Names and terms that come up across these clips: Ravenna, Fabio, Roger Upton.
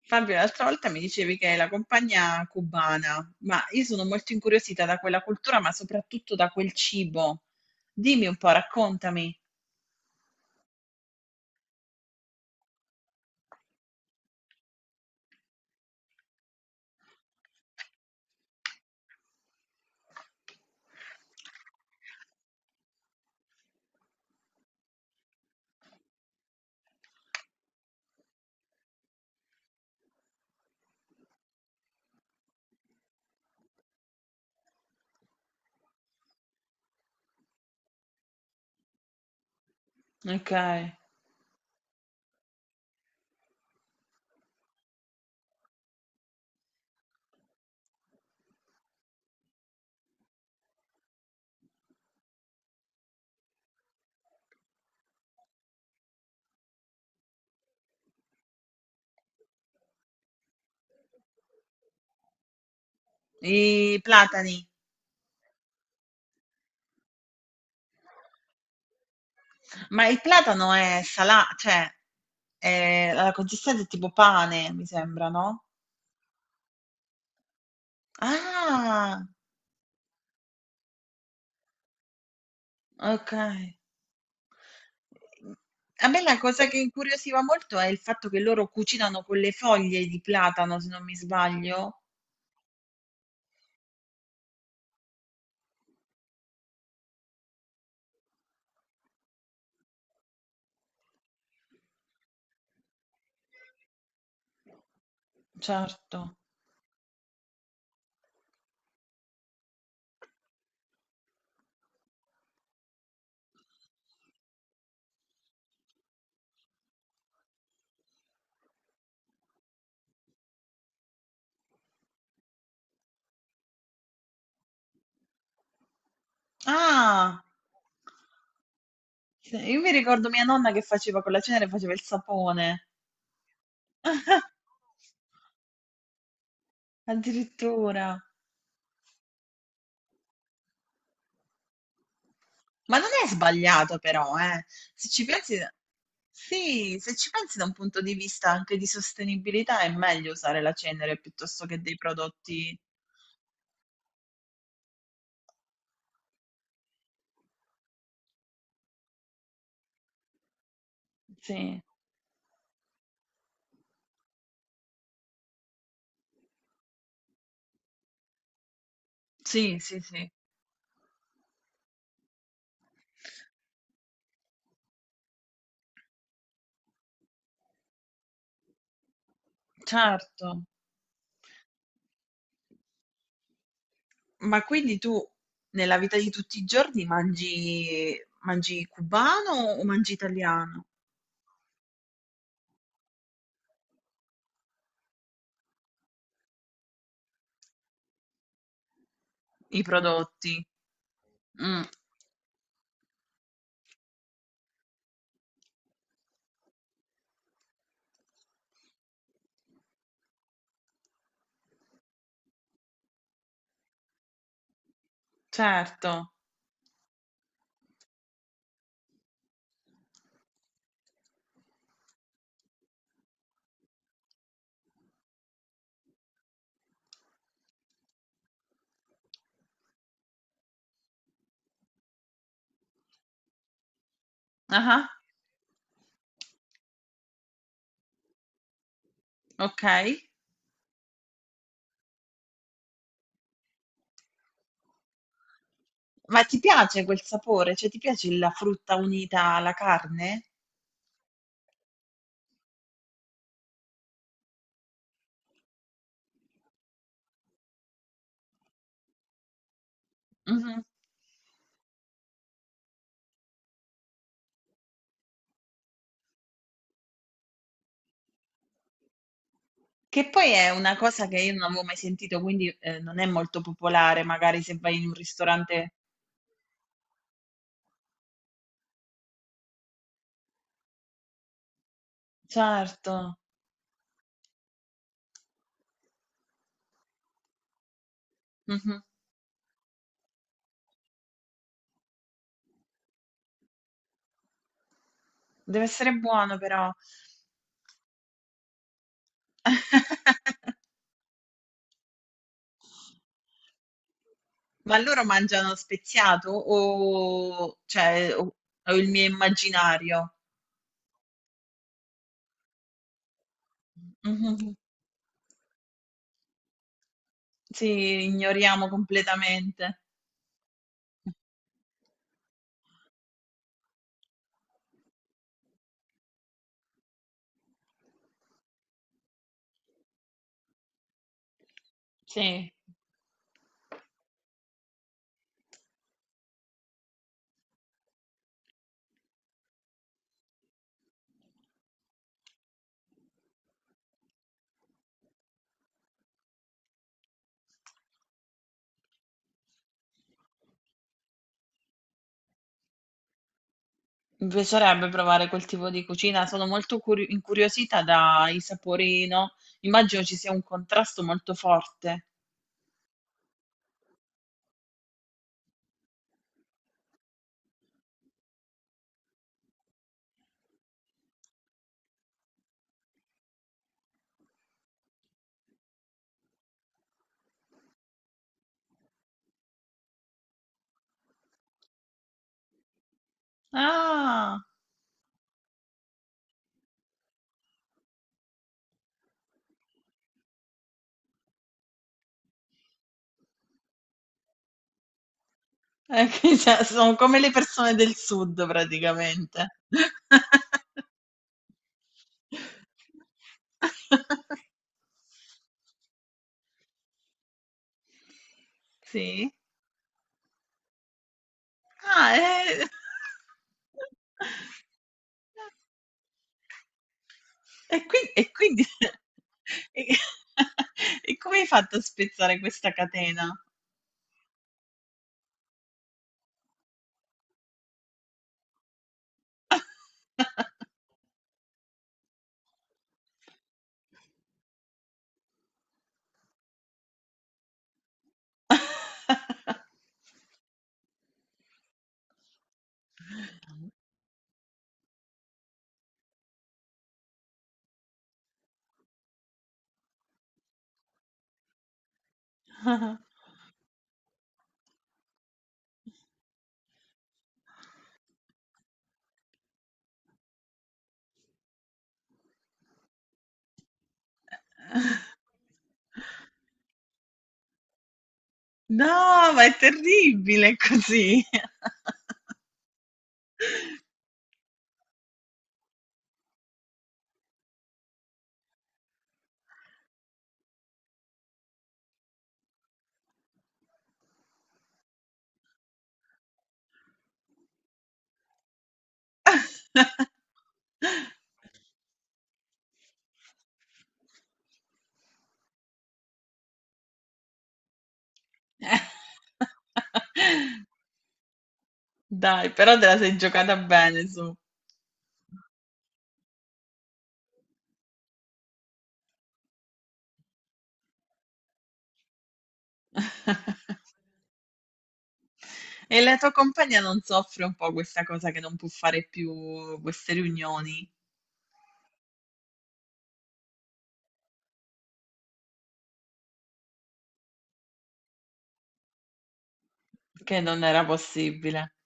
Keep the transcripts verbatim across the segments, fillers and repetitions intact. Fabio, l'altra volta mi dicevi che hai la compagna cubana, ma io sono molto incuriosita da quella cultura, ma soprattutto da quel cibo. Dimmi un po', raccontami. Ok. I platani. Ma il platano è salato, cioè è- ha la consistenza è tipo pane, mi sembra, no? Ah, ok. A me la cosa che incuriosiva molto è il fatto che loro cucinano con le foglie di platano, se non mi sbaglio. Certo. Ah! Sì, io mi ricordo mia nonna che faceva colazione e faceva il sapone. Addirittura. Ma non è sbagliato però, eh. Se ci pensi, sì, se ci pensi da un punto di vista anche di sostenibilità, è meglio usare la cenere piuttosto che dei prodotti. Sì, sì, sì, sì. Certo. Ma quindi tu nella vita di tutti i giorni mangi, mangi cubano o mangi italiano? I prodotti. Mh, certo. Ah-ah. Okay. Ma ti piace quel sapore? Cioè, ti piace la frutta unita alla carne? Mh-mh. Che poi è una cosa che io non avevo mai sentito, quindi, ehm, non è molto popolare, magari se vai in un ristorante. Certo. Mh-mh. Deve essere buono però. Ma loro mangiano speziato o cioè, o o il mio immaginario? Mh-mh. Sì, ignoriamo completamente. Sì, mi piacerebbe provare quel tipo di cucina, sono molto curio- incuriosita dai sapori, no? Immagino ci sia un contrasto molto forte. Ah, ecco, cioè, sono come le persone del sud praticamente. Sì. Ah, eh. E quin e quindi e e come hai fatto a spezzare questa catena? Ah-ah. No, ma è terribile così. Dai, però te la sei giocata bene su. E la tua compagna non soffre un po' questa cosa che non può fare più queste riunioni? Che non era possibile.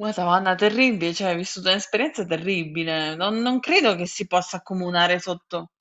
Madonna, terribile, cioè hai vissuto un'esperienza terribile. Non, non credo che si possa accomunare sotto.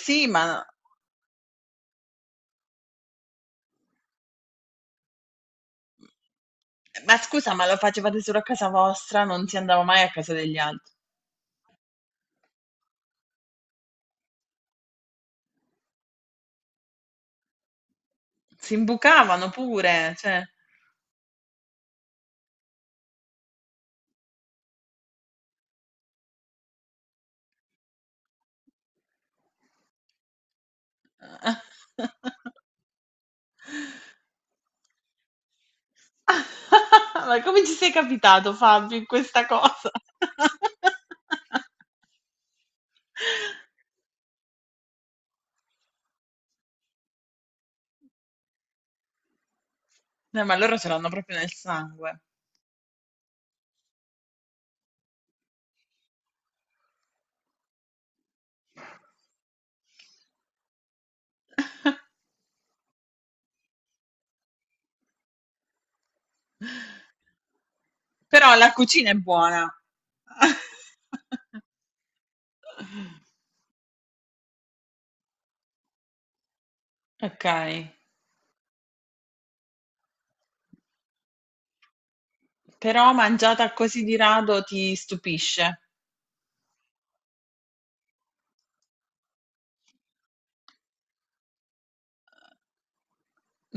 Sì, ma, ma scusa, ma lo facevate solo a casa vostra, non si andava mai a casa degli altri. Si imbucavano pure, cioè. Ma come ci sei capitato, Fabio, in questa cosa? No, ma loro ce l'hanno proprio nel sangue. Però la cucina è buona. Ok, però mangiata così di rado ti stupisce.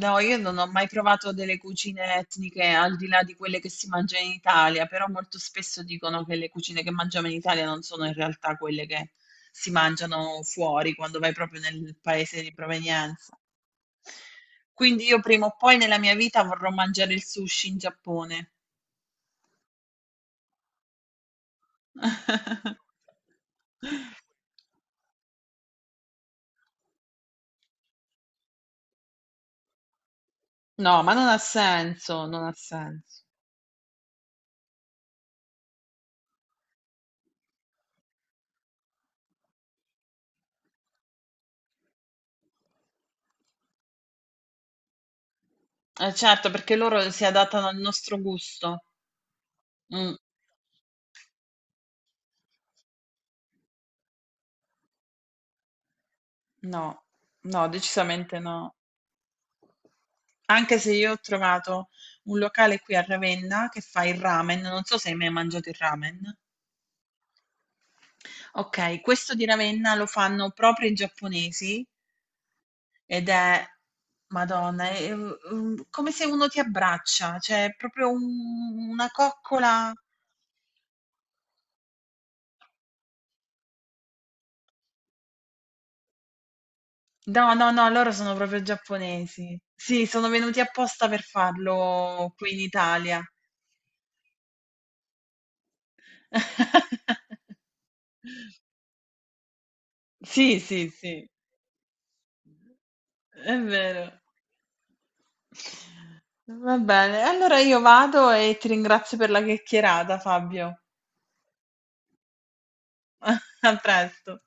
No, io non ho mai provato delle cucine etniche al di là di quelle che si mangiano in Italia, però molto spesso dicono che le cucine che mangiamo in Italia non sono in realtà quelle che si mangiano fuori quando vai proprio nel paese di provenienza. Quindi io prima o poi nella mia vita vorrò mangiare il sushi in Giappone. No, ma non ha senso, non ha senso. Eh, certo, perché loro si adattano al nostro gusto. Mm, no, no, decisamente no. Anche se io ho trovato un locale qui a Ravenna che fa il ramen, non so se hai mai mangiato il ramen. Ok, questo di Ravenna lo fanno proprio i giapponesi ed è, Madonna, è, è- è come se uno ti abbraccia, cioè è proprio un- una coccola. No, no, no, loro sono proprio giapponesi. Sì, sono venuti apposta per farlo qui in Italia. Sì, sì, sì, è vero. Va bene, allora io vado e ti ringrazio per la chiacchierata, Fabio. A presto.